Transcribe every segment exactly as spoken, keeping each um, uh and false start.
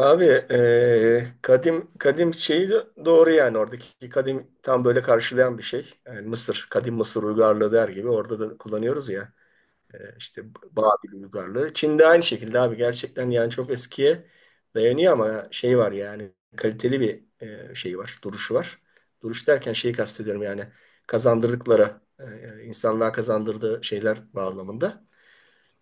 Abi eee, kadim kadim şeyi de doğru yani. Oradaki kadim tam böyle karşılayan bir şey. Yani Mısır, kadim Mısır uygarlığı der gibi orada da kullanıyoruz ya. Eee, işte Babil uygarlığı. Çin'de aynı şekilde abi, gerçekten yani çok eskiye dayanıyor. Ama şey var yani, kaliteli bir eee, şey var, duruşu var. Duruş derken şeyi kastediyorum, yani kazandırdıkları, eee, insanlığa kazandırdığı şeyler bağlamında.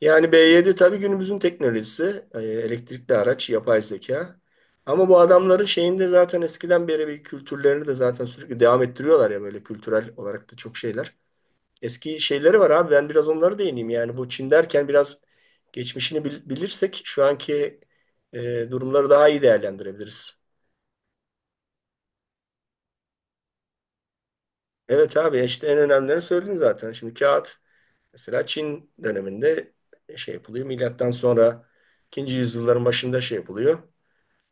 Yani be yedi tabii günümüzün teknolojisi, e, elektrikli araç, yapay zeka. Ama bu adamların şeyinde zaten eskiden beri bir kültürlerini de zaten sürekli devam ettiriyorlar ya, böyle kültürel olarak da çok şeyler. Eski şeyleri var abi, ben biraz onlara değineyim. Yani bu Çin derken biraz geçmişini bil- bilirsek şu anki e, durumları daha iyi değerlendirebiliriz. Evet abi, işte en önemlilerini söyledin zaten. Şimdi kağıt mesela Çin döneminde şey yapılıyor. Milattan sonra ikinci yüzyılların başında şey yapılıyor.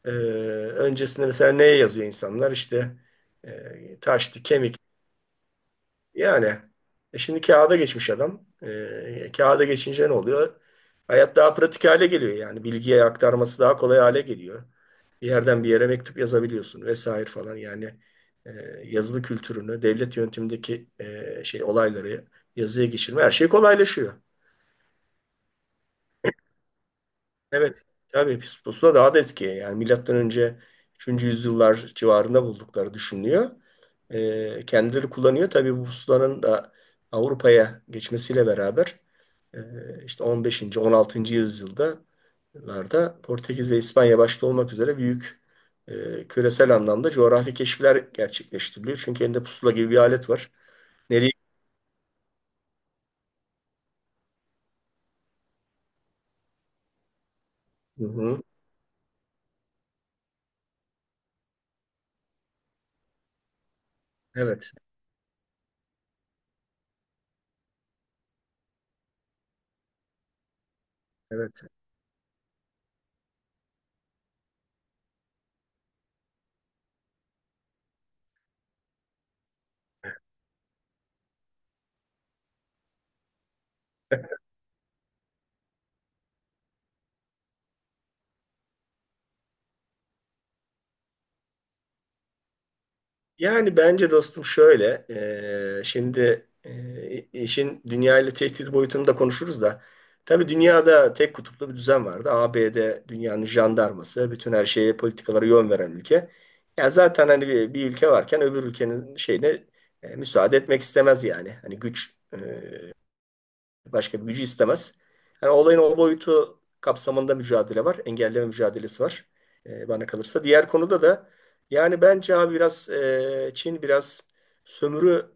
Ee, Öncesinde mesela neye yazıyor insanlar? İşte e, taştı, kemik. Yani e şimdi kağıda geçmiş adam. Ee, kağıda geçince ne oluyor? Hayat daha pratik hale geliyor yani. Bilgiye aktarması daha kolay hale geliyor. Bir yerden bir yere mektup yazabiliyorsun vesaire falan. Yani e, yazılı kültürünü, devlet yönetimindeki e, şey olayları yazıya geçirme, her şey kolaylaşıyor. Evet. Tabii pis pusula daha da eski. Yani milattan önce üçüncü yüzyıllar civarında buldukları düşünülüyor. Ee, kendileri kullanıyor. Tabii bu pusulanın da Avrupa'ya geçmesiyle beraber e, işte on beşinci. on altıncı yüzyılda larda Portekiz ve İspanya başta olmak üzere büyük e, küresel anlamda coğrafi keşifler gerçekleştiriliyor. Çünkü elinde pusula gibi bir alet var. Nereye? Hı hı. Evet. Evet. Yani bence dostum şöyle, e, şimdi e, işin dünya ile tehdit boyutunu da konuşuruz da. Tabii dünyada tek kutuplu bir düzen vardı. A B D dünyanın jandarması, bütün her şeye, politikalara yön veren ülke. Ya zaten hani bir, bir ülke varken öbür ülkenin şeyine e, müsaade etmek istemez yani. Hani güç. Başka bir gücü istemez. Yani olayın o boyutu kapsamında mücadele var. Engelleme mücadelesi var, e, bana kalırsa. Diğer konuda da yani bence abi biraz e, Çin biraz sömürü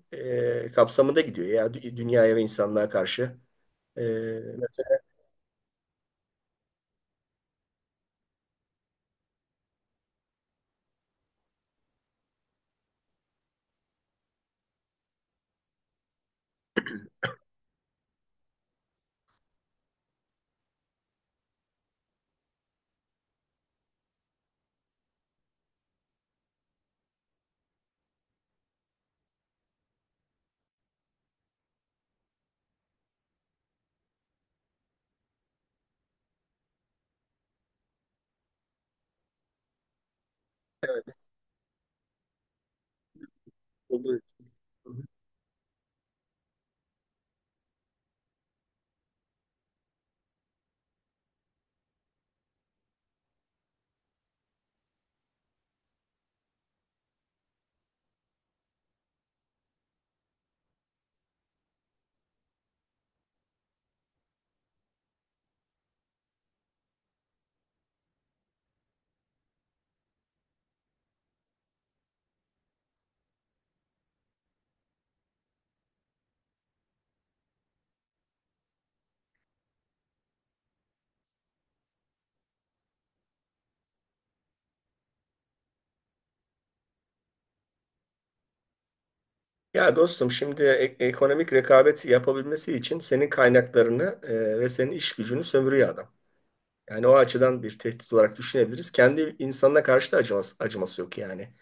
e, kapsamında gidiyor ya, dü- dünyaya ve insanlığa karşı. E, Mesela, ya dostum şimdi e- ekonomik rekabet yapabilmesi için senin kaynaklarını e, ve senin iş gücünü sömürüyor adam. Yani o açıdan bir tehdit olarak düşünebiliriz. Kendi insanına karşı da acıması, acıması yok yani.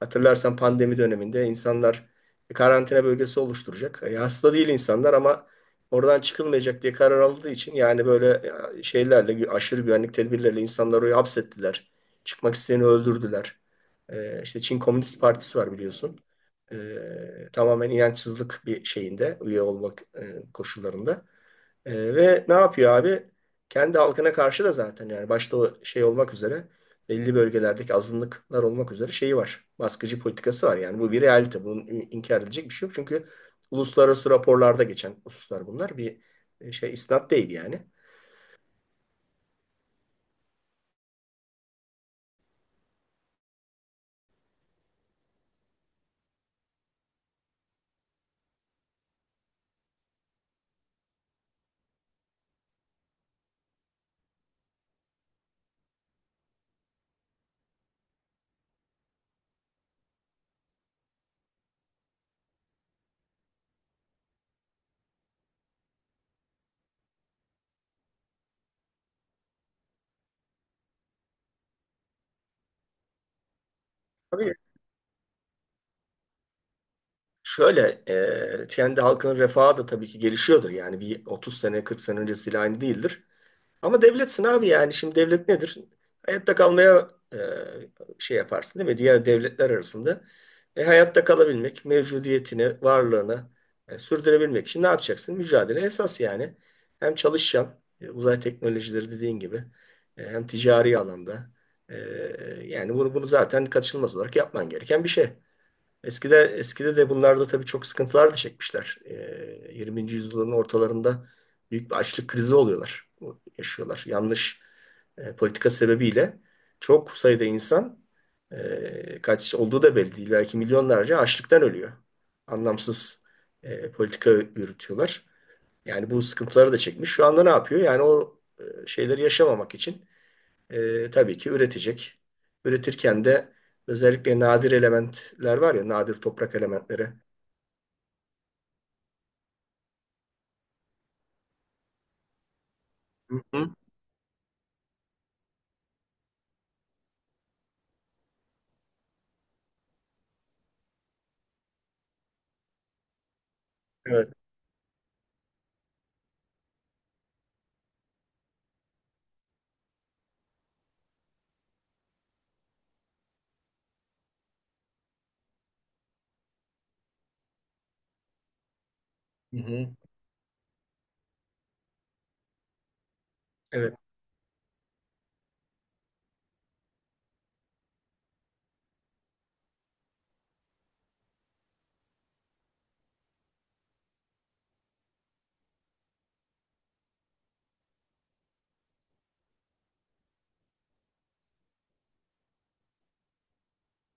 Hatırlarsan pandemi döneminde insanlar e, karantina bölgesi oluşturacak. E, hasta değil insanlar ama oradan çıkılmayacak diye karar aldığı için. Yani böyle e, şeylerle gü- aşırı güvenlik tedbirleriyle insanları oraya hapsettiler. Çıkmak isteyeni öldürdüler. E, işte Çin Komünist Partisi var biliyorsun. E, Tamamen inançsızlık bir şeyinde üye olmak e, koşullarında. Ee, ve ne yapıyor abi? Kendi halkına karşı da zaten yani, başta o şey olmak üzere, belli bölgelerdeki azınlıklar olmak üzere şeyi var. Baskıcı politikası var yani, bu bir realite. Bunun in- inkar edilecek bir şey yok. Çünkü uluslararası raporlarda geçen hususlar bunlar. Bir e, şey isnat değil yani. Tabii. Şöyle, e, kendi halkının refahı da tabii ki gelişiyordur. Yani bir otuz sene, kırk sene öncesiyle aynı değildir. Ama devletsin abi yani. Şimdi devlet nedir? Hayatta kalmaya e, şey yaparsın değil mi? Diğer devletler arasında. E, hayatta kalabilmek, mevcudiyetini, varlığını e, sürdürebilmek için ne yapacaksın? Mücadele esas yani. Hem çalışacaksın, e, uzay teknolojileri dediğin gibi, e, hem ticari alanda. E, Yani bunu, bunu zaten kaçınılmaz olarak yapman gereken bir şey. Eskide, eskide de bunlarda tabii çok sıkıntılar da çekmişler. Ee, yirminci yüzyılın ortalarında büyük bir açlık krizi oluyorlar, yaşıyorlar. Yanlış e, politika sebebiyle çok sayıda insan, e, kaç olduğu da belli değil. Belki milyonlarca açlıktan ölüyor. Anlamsız e, politika yürütüyorlar. Yani bu sıkıntıları da çekmiş. Şu anda ne yapıyor? Yani o e, şeyleri yaşamamak için e, tabii ki üretecek. Üretirken de özellikle nadir elementler var ya, nadir toprak elementleri. Hı hı. Evet. Hı hı. Evet.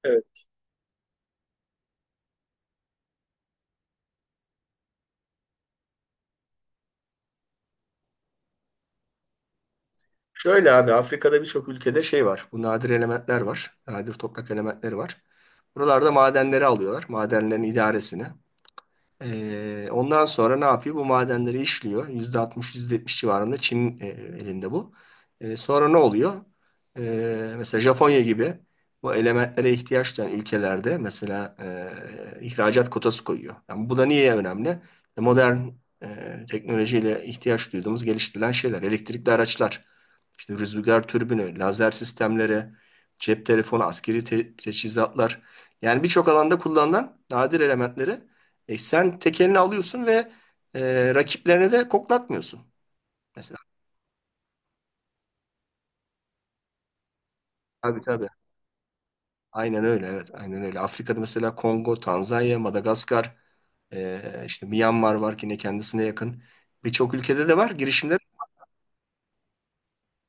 Evet. Şöyle abi, Afrika'da birçok ülkede şey var. Bu nadir elementler var. Nadir toprak elementleri var. Buralarda madenleri alıyorlar. Madenlerin idaresini. Ee, ondan sonra ne yapıyor? Bu madenleri işliyor. yüzde altmış, yüzde yetmiş civarında Çin'in e, elinde bu. Ee, sonra ne oluyor? Ee, mesela Japonya gibi bu elementlere ihtiyaç duyan ülkelerde mesela e, ihracat kotası koyuyor. Yani bu da niye önemli? E, Modern e, teknolojiyle ihtiyaç duyduğumuz geliştirilen şeyler. Elektrikli araçlar, işte rüzgar türbünü, lazer sistemleri, cep telefonu, askeri te- teçhizatlar. Yani birçok alanda kullanılan nadir elementleri e sen tekelini alıyorsun ve e, rakiplerine de koklatmıyorsun. Mesela, tabii tabii. Aynen öyle, evet. Aynen öyle. Afrika'da mesela Kongo, Tanzanya, Madagaskar, e, işte Myanmar var ki ne kendisine yakın. Birçok ülkede de var girişimler.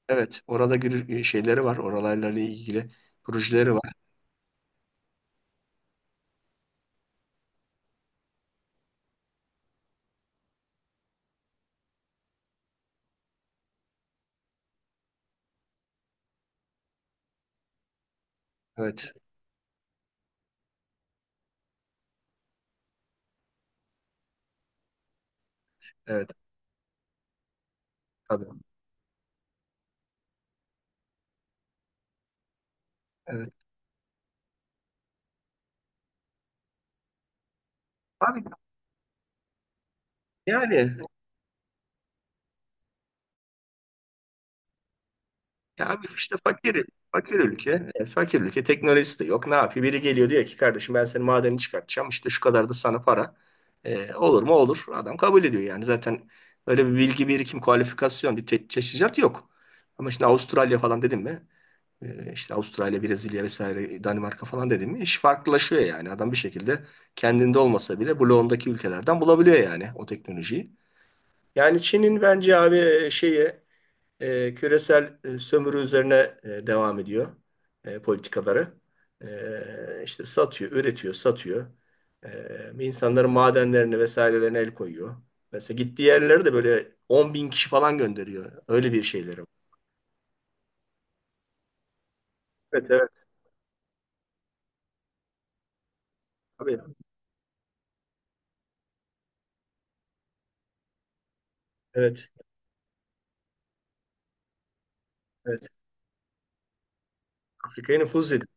Evet. Orada gir- e, şeyleri var. Oralarla ilgili projeleri var. Evet. Evet. Tabii. Evet. Abi yani. Ya abi, işte fakir, fakir ülke. E, fakir ülke. Teknolojisi de yok. Ne yapıyor? Biri geliyor, diyor ki kardeşim, ben senin madeni çıkartacağım. İşte şu kadar da sana para. E, olur mu? Olur. Adam kabul ediyor yani. Zaten öyle bir bilgi birikim, kualifikasyon, bir te- teçhizat yok. Ama şimdi Avustralya falan dedim mi? e, işte Avustralya, Brezilya vesaire, Danimarka falan dedim mi? İş farklılaşıyor yani. Adam bir şekilde kendinde olmasa bile bloğundaki ülkelerden bulabiliyor yani o teknolojiyi. Yani Çin'in bence abi e, şeyi, e, küresel e, sömürü üzerine e, devam ediyor e, politikaları. E, işte satıyor, üretiyor, satıyor. E, insanların madenlerini vesairelerine el koyuyor. Mesela gittiği yerlere de böyle on bin kişi falan gönderiyor. Öyle bir şeyleri var. Evet, evet. Tabii. Evet, evet. Afrika'ya nüfuz ediyor.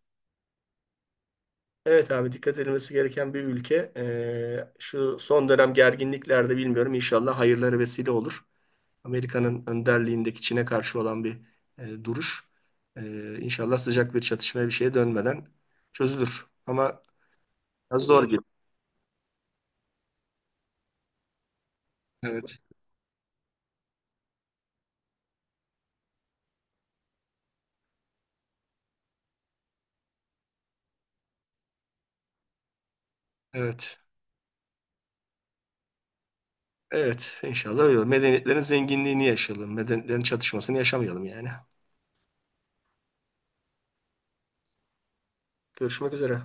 Evet abi, dikkat edilmesi gereken bir ülke. E, şu son dönem gerginliklerde bilmiyorum, inşallah hayırları vesile olur. Amerika'nın önderliğindeki Çin'e karşı olan bir e, duruş. E, inşallah sıcak bir çatışmaya bir şeye dönmeden çözülür. Ama biraz zor gibi. Evet, evet. Evet, inşallah öyle olur. Medeniyetlerin zenginliğini yaşayalım. Medeniyetlerin çatışmasını yaşamayalım yani. Görüşmek üzere.